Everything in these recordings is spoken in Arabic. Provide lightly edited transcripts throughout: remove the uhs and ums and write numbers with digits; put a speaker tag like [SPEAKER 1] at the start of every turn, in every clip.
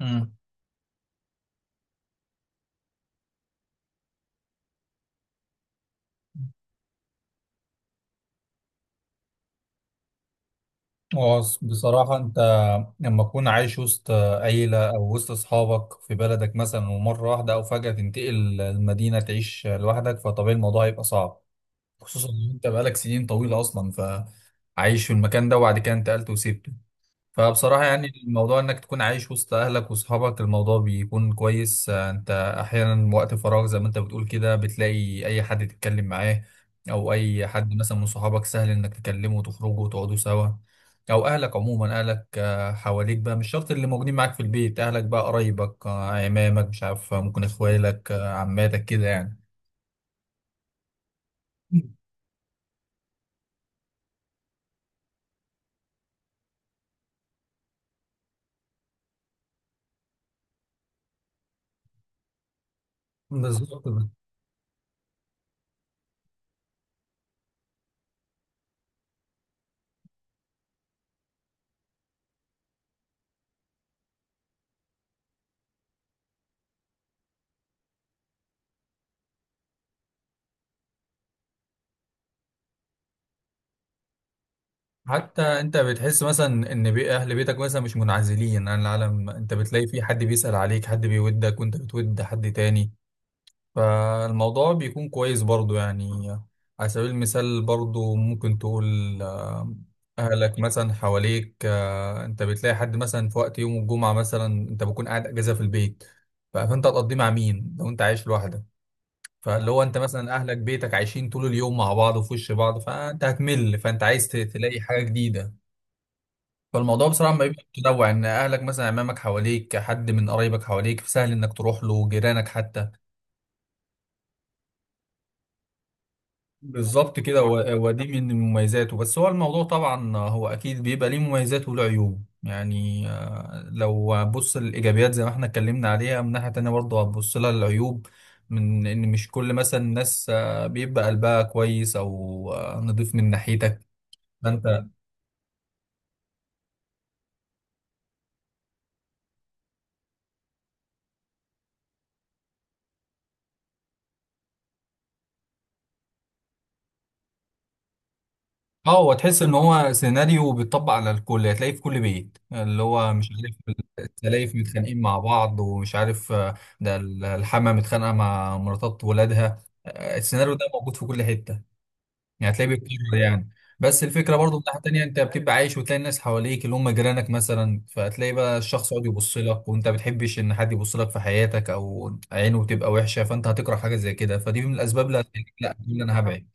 [SPEAKER 1] امم بصراحة أنت لما تكون عايش وسط عيلة أو وسط أصحابك في بلدك مثلا ومرة واحدة أو فجأة تنتقل المدينة تعيش لوحدك، فطبيعي الموضوع هيبقى صعب، خصوصا ان انت بقالك سنين طويله اصلا فعايش في المكان ده وبعد كده انتقلت وسبته. فبصراحه يعني الموضوع انك تكون عايش وسط اهلك واصحابك الموضوع بيكون كويس. انت احيانا وقت فراغ زي ما انت بتقول كده بتلاقي اي حد تتكلم معاه، او اي حد مثلا من صحابك سهل انك تكلمه وتخرجوا وتقعدوا سوا، او اهلك عموما اهلك حواليك بقى، مش شرط اللي موجودين معاك في البيت، اهلك بقى قرايبك عمامك، مش عارف، ممكن اخوالك، عماتك كده يعني. بالظبط، حتى انت بتحس مثلا ان بي اهل بيتك مثلا مش منعزلين عن العالم، انت بتلاقي في حد بيسأل عليك، حد بيودك وانت بتود حد تاني، فالموضوع بيكون كويس برضو يعني. على سبيل المثال برضو ممكن تقول آه، اهلك مثلا حواليك، انت بتلاقي حد مثلا في وقت يوم الجمعة مثلا انت بكون قاعد اجازة في البيت، فانت هتقضيه مع مين لو انت عايش لوحدك؟ فاللي هو انت مثلا اهلك بيتك عايشين طول اليوم مع بعض وفي وش بعض فانت هتمل، فانت عايز تلاقي حاجة جديدة. فالموضوع بصراحة ما بيبقى متنوع ان اهلك مثلا امامك، حواليك حد من قرايبك حواليك، سهل انك تروح له، جيرانك حتى. بالظبط كده، ودي من مميزاته. بس هو الموضوع طبعا هو اكيد بيبقى ليه مميزات وله عيوب يعني. لو هتبص الايجابيات زي ما احنا اتكلمنا عليها، من ناحية تانية برضه هتبص لها العيوب، من ان مش كل مثلا الناس بيبقى قلبها كويس او نضيف من ناحيتك. فانت اه، هو تحس ان هو سيناريو بيتطبق على الكل، هتلاقيه في كل بيت، اللي هو مش عارف السلايف متخانقين مع بعض، ومش عارف ده الحما متخانقه مع مراتات ولادها. السيناريو ده موجود في كل حته، يعني هتلاقيه بيتكرر يعني. بس الفكره برضو من ناحيه تانيه، انت بتبقى عايش وتلاقي الناس حواليك اللي هم جيرانك مثلا، فتلاقي بقى الشخص يقعد يبص لك وانت ما بتحبش ان حد يبص لك في حياتك، او عينه بتبقى وحشه فانت هتكره حاجه زي كده، فدي من الاسباب اللي هتخليك لا تقول انا هبعد.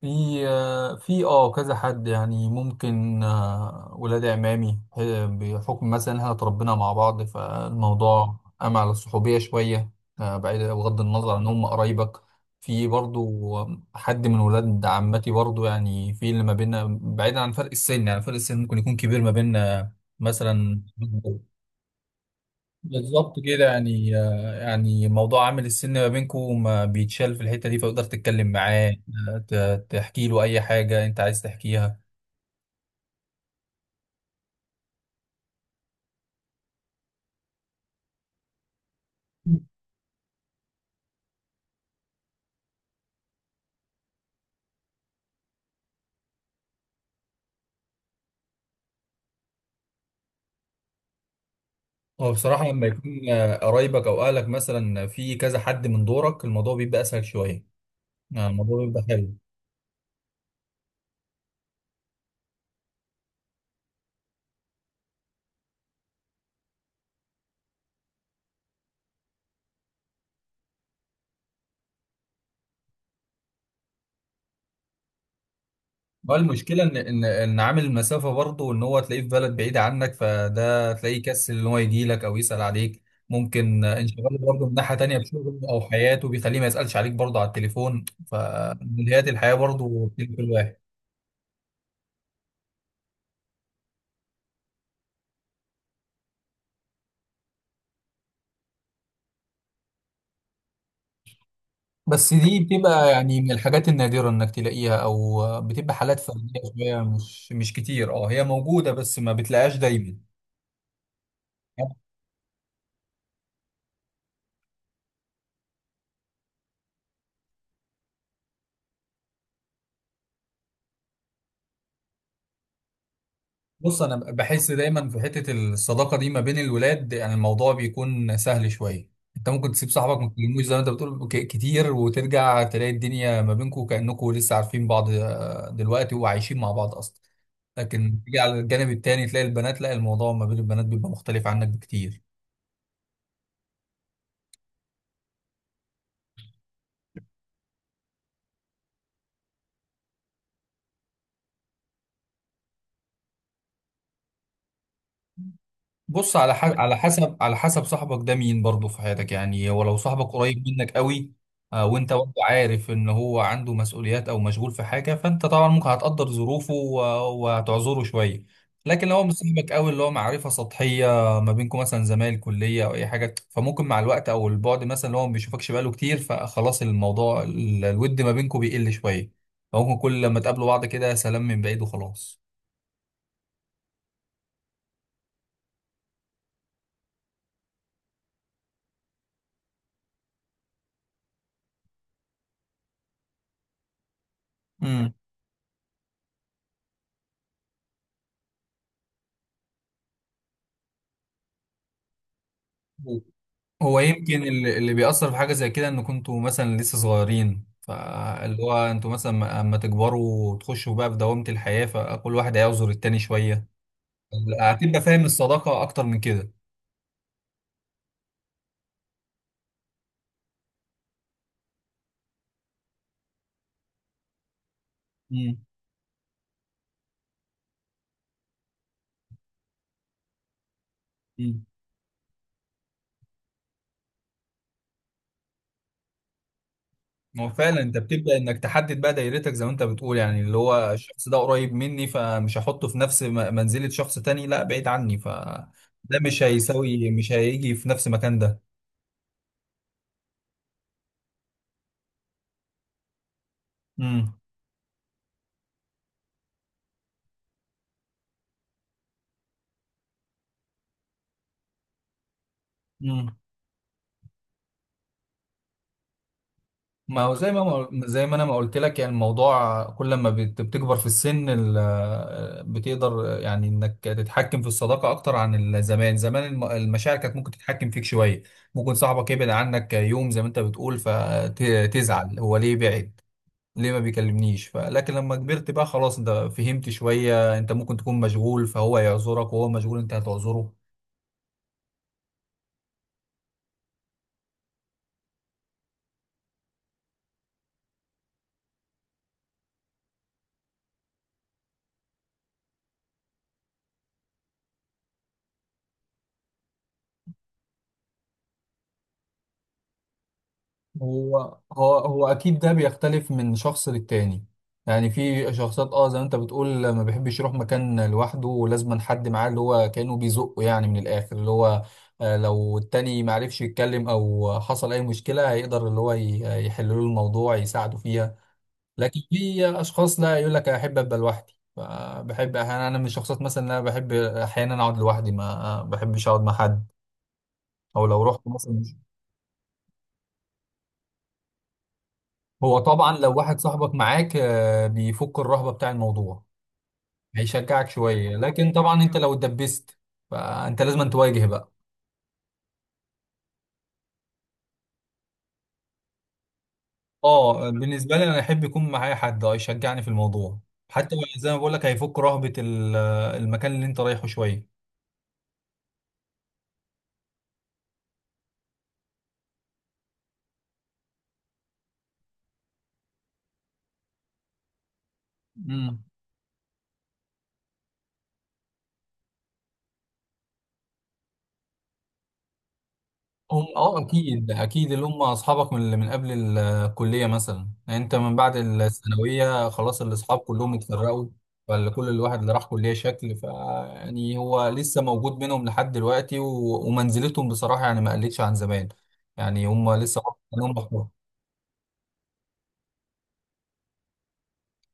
[SPEAKER 1] في، في اه كذا حد يعني، ممكن ولاد عمامي بحكم مثلا إن احنا اتربينا مع بعض فالموضوع قام على الصحوبية شوية. بعيد بغض النظر عن هم قرايبك، في برضو حد من ولاد عمتي برضو، يعني في اللي ما بيننا بعيدا عن فرق السن، يعني فرق السن ممكن يكون كبير ما بيننا مثلا. بالظبط كده يعني، يعني موضوع عامل السن ما بينكم ما بيتشال في الحتة دي، فتقدر تتكلم معاه، تحكي له أي حاجة أنت عايز تحكيها. هو بصراحة لما يكون قرايبك أو أهلك مثلا في كذا حد من دورك، الموضوع بيبقى أسهل شوية، يعني الموضوع بيبقى حلو. هو المشكلة إن إن عامل المسافة برضه، إن هو تلاقيه في بلد بعيدة عنك، فده تلاقيه كسل إن هو يجي لك أو يسأل عليك. ممكن انشغاله برضه من ناحية تانية بشغله أو حياته بيخليه ما يسألش عليك برضه على التليفون، فملهيات الحياة برضه بتلف الواحد. بس دي بتبقى يعني من الحاجات النادرة انك تلاقيها، او بتبقى حالات فردية شوية، مش كتير. أه هي موجودة بس ما بتلاقيهاش دايما. بص، انا بحس دايما في حته الصداقه دي ما بين الولاد يعني الموضوع بيكون سهل شويه. انت ممكن تسيب صاحبك ما تكلموش زي ما انت بتقول كتير، وترجع تلاقي الدنيا ما بينكم كانكم لسه عارفين بعض دلوقتي وعايشين مع بعض اصلا. لكن تيجي على الجانب التاني تلاقي البنات، لا، الموضوع ما بين البنات بيبقى مختلف عنك بكتير. بص على ح، على حسب، على حسب صاحبك ده مين برضه في حياتك يعني. ولو صاحبك قريب منك قوي، وانت برضه عارف ان هو عنده مسؤوليات او مشغول في حاجه، فانت طبعا ممكن هتقدر ظروفه، و... وهتعذره شويه. لكن لو هو مش صاحبك قوي، اللي هو معرفه سطحيه ما بينكم مثلا زمايل كليه او اي حاجه، فممكن مع الوقت او البعد مثلا اللي هو ما بيشوفكش بقاله كتير، فخلاص الموضوع الود ما بينكم بيقل شويه، فممكن كل لما تقابلوا بعض كده سلام من بعيد وخلاص. امم، هو يمكن اللي بيأثر في حاجة زي كده ان كنتوا مثلا لسه صغيرين، فاللي هو انتوا مثلا ما، اما تكبروا وتخشوا بقى في دوامة الحياة فكل واحد هيعذر التاني شوية. هتبقى فاهم الصداقة اكتر من كده. مم. مم. هو فعلا انت بتبدأ انك تحدد بقى دايرتك زي ما انت بتقول، يعني اللي هو الشخص ده قريب مني فمش هحطه في نفس منزلة شخص تاني لا بعيد عني، فده مش هيساوي، مش هيجي في نفس مكان ده. امم، ما هو زي ما زي ما انا ما قلت لك، يعني الموضوع كل ما بتكبر في السن ال، بتقدر يعني انك تتحكم في الصداقه اكتر عن ال، زمان زمان المشاعر كانت ممكن تتحكم فيك شويه. ممكن صاحبك يبعد عنك يوم زي ما انت بتقول فتزعل هو ليه بعد؟ ليه ما بيكلمنيش؟ لكن لما كبرت بقى خلاص، انت فهمت شويه، انت ممكن تكون مشغول فهو يعذرك، وهو مشغول انت هتعذره. هو هو اكيد ده بيختلف من شخص للتاني. يعني في شخصيات اه زي ما انت بتقول ما بيحبش يروح مكان لوحده ولازم حد معاه اللي هو كأنه بيزقه يعني، من الاخر اللي هو لو التاني ما عرفش يتكلم او حصل اي مشكله هيقدر اللي هو يحل له الموضوع يساعده فيها. لكن في اشخاص لا يقول لك احب ابقى لوحدي. بحب احيانا، انا من الشخصيات مثلا اللي انا بحب احيانا اقعد لوحدي، ما بحبش اقعد مع حد. او لو رحت مثلا، هو طبعا لو واحد صاحبك معاك، بيفك الرهبة بتاع الموضوع، هيشجعك شوية. لكن طبعا انت لو اتدبست فانت لازم تواجه بقى. اه بالنسبة لي انا احب يكون معايا حد اه يشجعني في الموضوع، حتى لو زي ما بقول لك هيفك رهبة المكان اللي انت رايحه شوية. مم. هم اه، اكيد اللي هم اصحابك من من قبل الكليه مثلا، يعني انت من بعد الثانويه خلاص الاصحاب كلهم اتفرقوا. فكل الواحد اللي راح كليه شكل، ف يعني هو لسه موجود منهم لحد دلوقتي، ومنزلتهم بصراحه يعني ما قلتش عن زمان، يعني هم لسه. هم،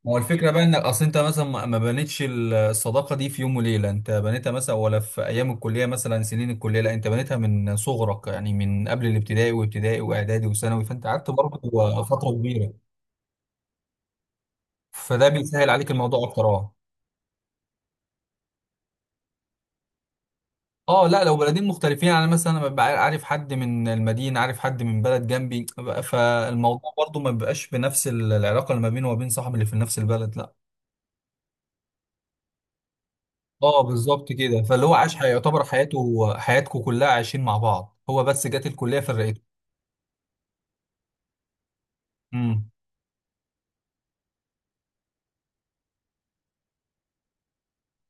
[SPEAKER 1] ما هو الفكرة بقى انك اصل انت مثلا ما بنيتش الصداقة دي في يوم وليلة، انت بنيتها مثلا، ولا في ايام الكلية مثلا سنين الكلية، لا انت بنيتها من صغرك يعني من قبل الابتدائي، وابتدائي واعدادي وثانوي، فانت قعدت برضه فترة كبيرة، فده بيسهل عليك الموضوع اكتر اه. اه لا، لو بلدين مختلفين يعني مثلا انا ببقى عارف حد من المدينة، عارف حد من بلد جنبي، فالموضوع برضه ما بيبقاش بنفس العلاقة اللي ما بينه وما بين صاحبي اللي في نفس البلد، لا. اه بالظبط كده، فاللي هو عاش يعتبر حياته حياتكم كلها عايشين مع بعض، هو بس جت الكلية فرقته. امم،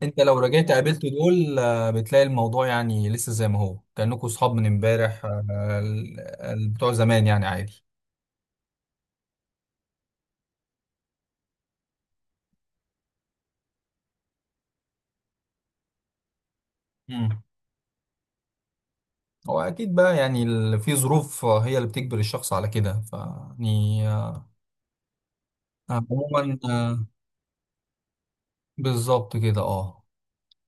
[SPEAKER 1] انت لو رجعت قابلت دول بتلاقي الموضوع يعني لسه زي ما هو، كأنكم صحاب من امبارح بتوع زمان يعني عادي. امم، هو اكيد بقى يعني ال، في ظروف هي اللي بتجبر الشخص على كده فيعني عموما بالظبط كده اه.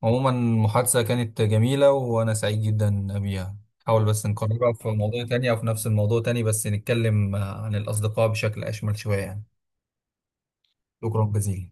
[SPEAKER 1] عموما المحادثة كانت جميلة وأنا سعيد جدا بيها. حاول بس نكررها في موضوع تاني أو في نفس الموضوع تاني بس نتكلم عن الأصدقاء بشكل أشمل شوية يعني. شكرا جزيلا.